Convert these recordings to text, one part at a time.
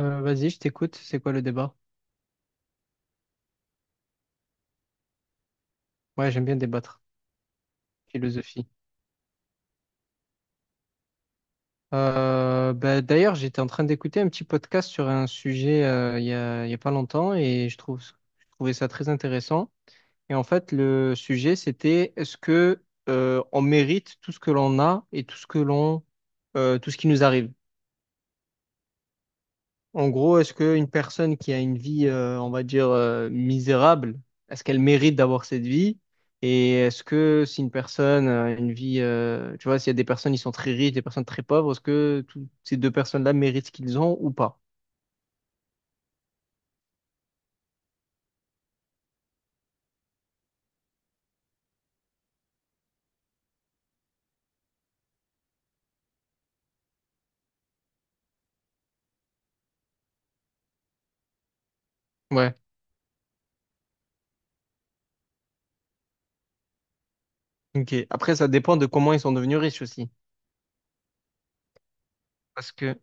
Vas-y, je t'écoute. C'est quoi le débat? Ouais, j'aime bien débattre. Philosophie. D'ailleurs, j'étais en train d'écouter un petit podcast sur un sujet il y a pas longtemps et je trouvais ça très intéressant. Et en fait, le sujet, c'était est-ce que on mérite tout ce que l'on a et tout ce qui nous arrive? En gros, est-ce qu'une personne qui a une vie, on va dire, misérable, est-ce qu'elle mérite d'avoir cette vie? Et est-ce que si une personne a une vie, tu vois, s'il y a des personnes qui sont très riches, des personnes très pauvres, est-ce que toutes ces deux personnes-là méritent ce qu'ils ont ou pas? Ouais, ok. Après, ça dépend de comment ils sont devenus riches aussi. Parce que,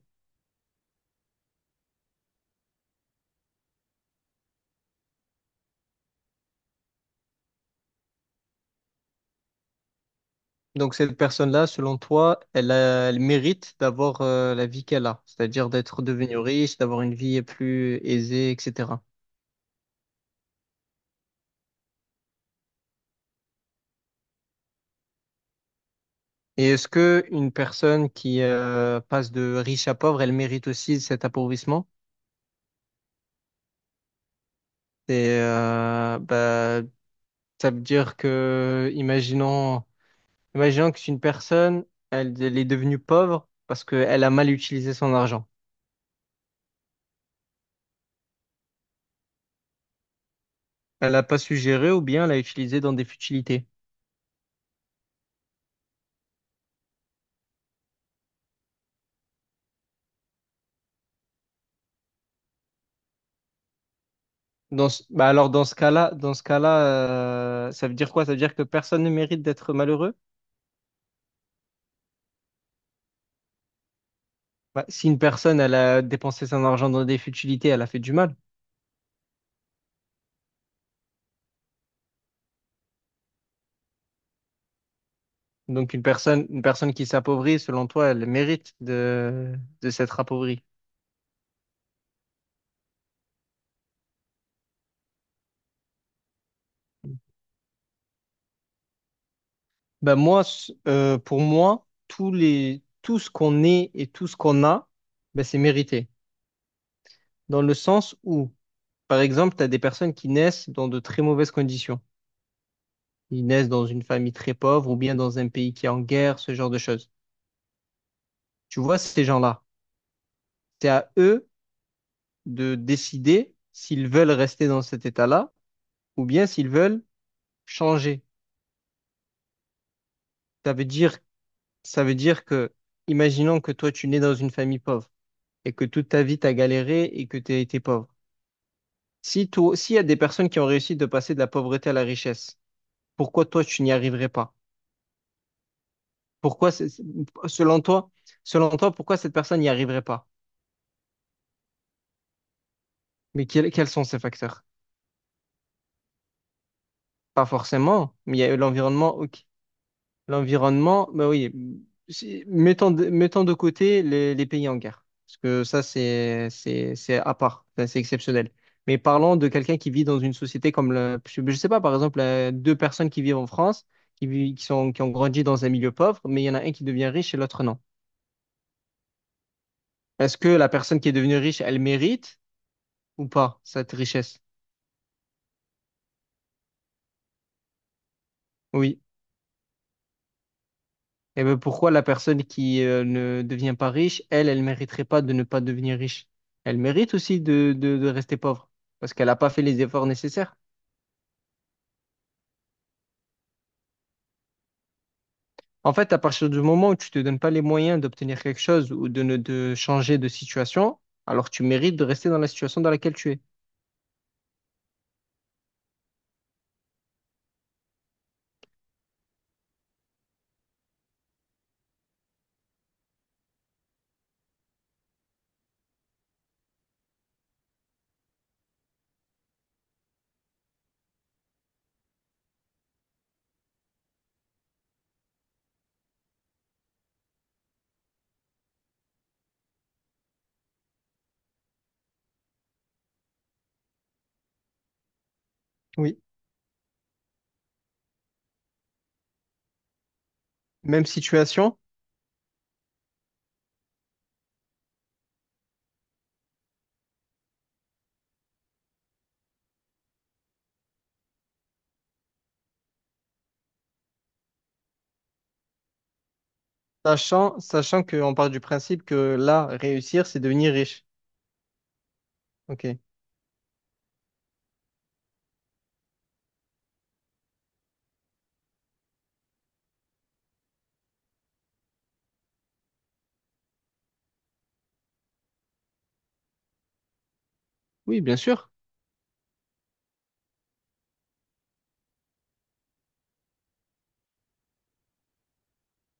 donc, cette personne-là, selon toi, elle mérite d'avoir, la vie qu'elle a, c'est-à-dire d'être devenue riche, d'avoir une vie plus aisée, etc. Et est-ce que une personne qui passe de riche à pauvre, elle mérite aussi cet appauvrissement? Et ça veut dire que, imaginons, imaginons que c'est une personne, elle est devenue pauvre parce qu'elle a mal utilisé son argent. Elle n'a pas su gérer ou bien elle l'a utilisé dans des futilités. Dans ce- bah alors dans ce cas-là, ça veut dire quoi? Ça veut dire que personne ne mérite d'être malheureux? Bah, si une personne, elle a dépensé son argent dans des futilités, elle a fait du mal. Donc une personne qui s'appauvrit, selon toi, elle mérite de s'être appauvrie. Pour moi, tout ce qu'on est et tout ce qu'on a, ben c'est mérité. Dans le sens où, par exemple, tu as des personnes qui naissent dans de très mauvaises conditions. Ils naissent dans une famille très pauvre ou bien dans un pays qui est en guerre, ce genre de choses. Tu vois, ces gens-là, c'est à eux de décider s'ils veulent rester dans cet état-là ou bien s'ils veulent changer. Ça veut dire Ça veut dire que, imaginons que toi, tu nais dans une famille pauvre et que toute ta vie, t'as galéré et que t'as été pauvre. Si toi, s'il y a des personnes qui ont réussi de passer de la pauvreté à la richesse, pourquoi toi, tu n'y arriverais pas? Pourquoi, c'est- c'est- selon toi, pourquoi cette personne n'y arriverait pas? Mais quels sont ces facteurs? Pas forcément, mais il y a eu l'environnement, ok. L'environnement, bah oui, mettons de côté les pays en guerre, parce que c'est à part, ça, c'est exceptionnel. Mais parlons de quelqu'un qui vit dans une société comme le, je sais pas, par exemple, deux personnes qui vivent en France, qui vivent, qui sont, qui ont grandi dans un milieu pauvre, mais il y en a un qui devient riche et l'autre non. Est-ce que la personne qui est devenue riche, elle mérite ou pas cette richesse? Oui. Et ben pourquoi la personne qui ne devient pas riche, elle mériterait pas de ne pas devenir riche. Elle mérite aussi de rester pauvre parce qu'elle n'a pas fait les efforts nécessaires. En fait, à partir du moment où tu te donnes pas les moyens d'obtenir quelque chose ou de ne de changer de situation, alors tu mérites de rester dans la situation dans laquelle tu es. Oui. Même situation, sachant, sachant qu'on part du principe que là, réussir, c'est devenir riche. Ok. Oui, bien sûr.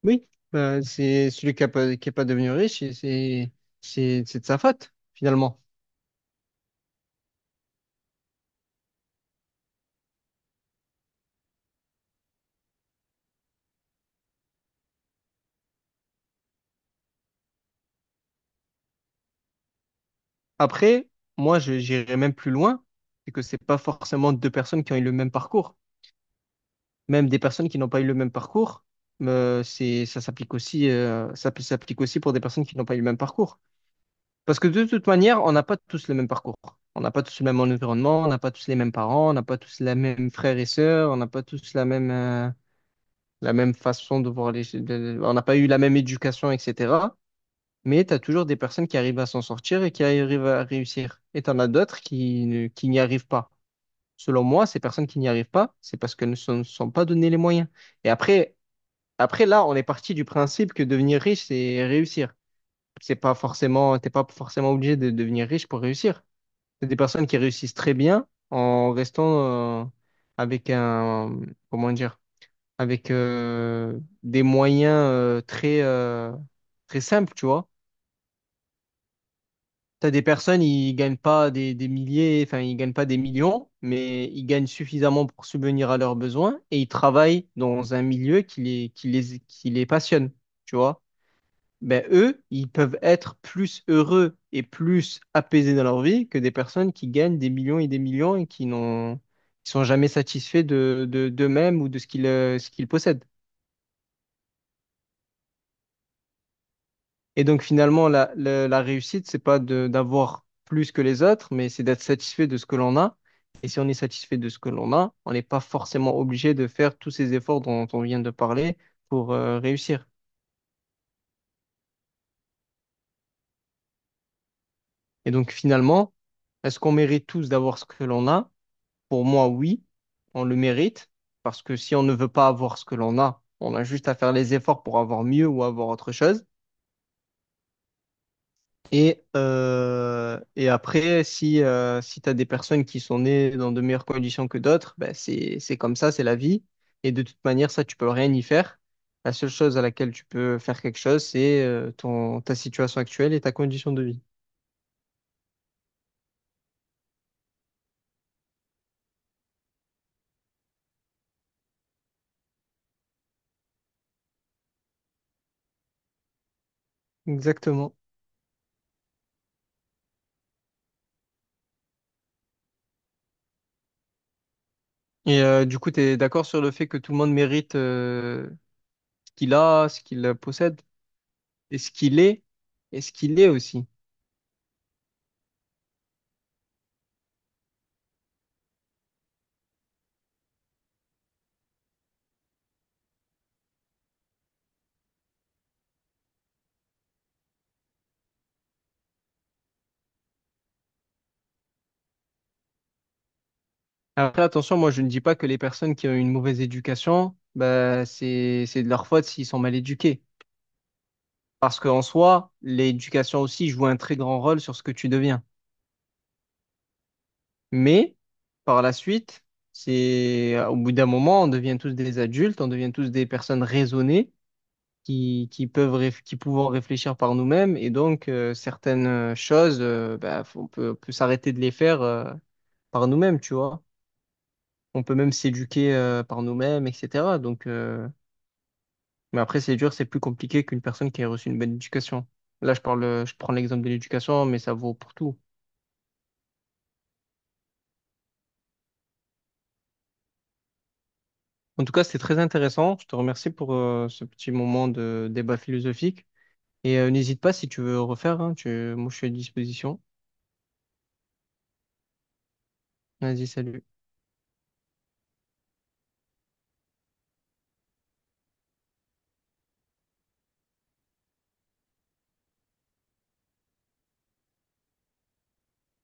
Oui, bah, c'est celui qui n'est pas, qui est pas devenu riche, et c'est de sa faute, finalement. Après, moi, j'irais même plus loin, c'est que c'est pas forcément deux personnes qui ont eu le même parcours. Même des personnes qui n'ont pas eu le même parcours, ça s'applique aussi, s'applique aussi pour des personnes qui n'ont pas eu le même parcours. Parce que de toute manière, on n'a pas tous le même parcours. On n'a pas tous le même environnement, on n'a pas tous les mêmes parents, on n'a pas tous les mêmes frères et sœurs, on n'a pas tous la même façon de voir On n'a pas eu la même éducation, etc. Mais tu as toujours des personnes qui arrivent à s'en sortir et qui arrivent à réussir. Et tu en as d'autres qui n'y arrivent pas. Selon moi, ces personnes qui n'y arrivent pas, c'est parce qu'elles ne se sont pas donné les moyens. Et après, là, on est parti du principe que devenir riche, c'est réussir. C'est pas forcément, t'es pas forcément obligé de devenir riche pour réussir. C'est des personnes qui réussissent très bien en restant avec un, comment dire, avec des moyens très simples, tu vois. T'as des personnes, ils gagnent pas des, des milliers, enfin, ils gagnent pas des millions, mais ils gagnent suffisamment pour subvenir à leurs besoins et ils travaillent dans un milieu qui les passionne, tu vois. Ben, eux, ils peuvent être plus heureux et plus apaisés dans leur vie que des personnes qui gagnent des millions et qui sont jamais satisfaits d'eux-mêmes ou de ce ce qu'ils possèdent. Et donc finalement, la réussite, c'est pas de d'avoir plus que les autres, mais c'est d'être satisfait de ce que l'on a. Et si on est satisfait de ce que l'on a, on n'est pas forcément obligé de faire tous ces efforts dont on vient de parler pour réussir. Et donc finalement, est-ce qu'on mérite tous d'avoir ce que l'on a? Pour moi, oui, on le mérite, parce que si on ne veut pas avoir ce que l'on a, on a juste à faire les efforts pour avoir mieux ou avoir autre chose. Et après, si tu as des personnes qui sont nées dans de meilleures conditions que d'autres, ben c'est comme ça, c'est la vie. Et de toute manière, ça, tu peux rien y faire. La seule chose à laquelle tu peux faire quelque chose, c'est ta situation actuelle et ta condition de vie. Exactement. Et du coup, tu es d'accord sur le fait que tout le monde mérite ce qu'il a, ce qu'il possède, et ce qu'il est, et ce qu'il est aussi. Après, attention, moi, je ne dis pas que les personnes qui ont une mauvaise éducation, bah, c'est de leur faute s'ils sont mal éduqués. Parce qu'en soi, l'éducation aussi joue un très grand rôle sur ce que tu deviens. Mais par la suite, c'est au bout d'un moment, on devient tous des adultes, on devient tous des personnes raisonnées qui pouvons réfléchir par nous-mêmes. Et donc, certaines choses, on peut s'arrêter de les faire par nous-mêmes, tu vois. On peut même s'éduquer par nous-mêmes, etc. Mais après, c'est dur, c'est plus compliqué qu'une personne qui a reçu une bonne éducation. Là, je prends l'exemple de l'éducation, mais ça vaut pour tout. En tout cas, c'était très intéressant. Je te remercie pour ce petit moment de débat philosophique. Et n'hésite pas si tu veux refaire, hein, tu... moi, je suis à disposition. Vas-y, salut.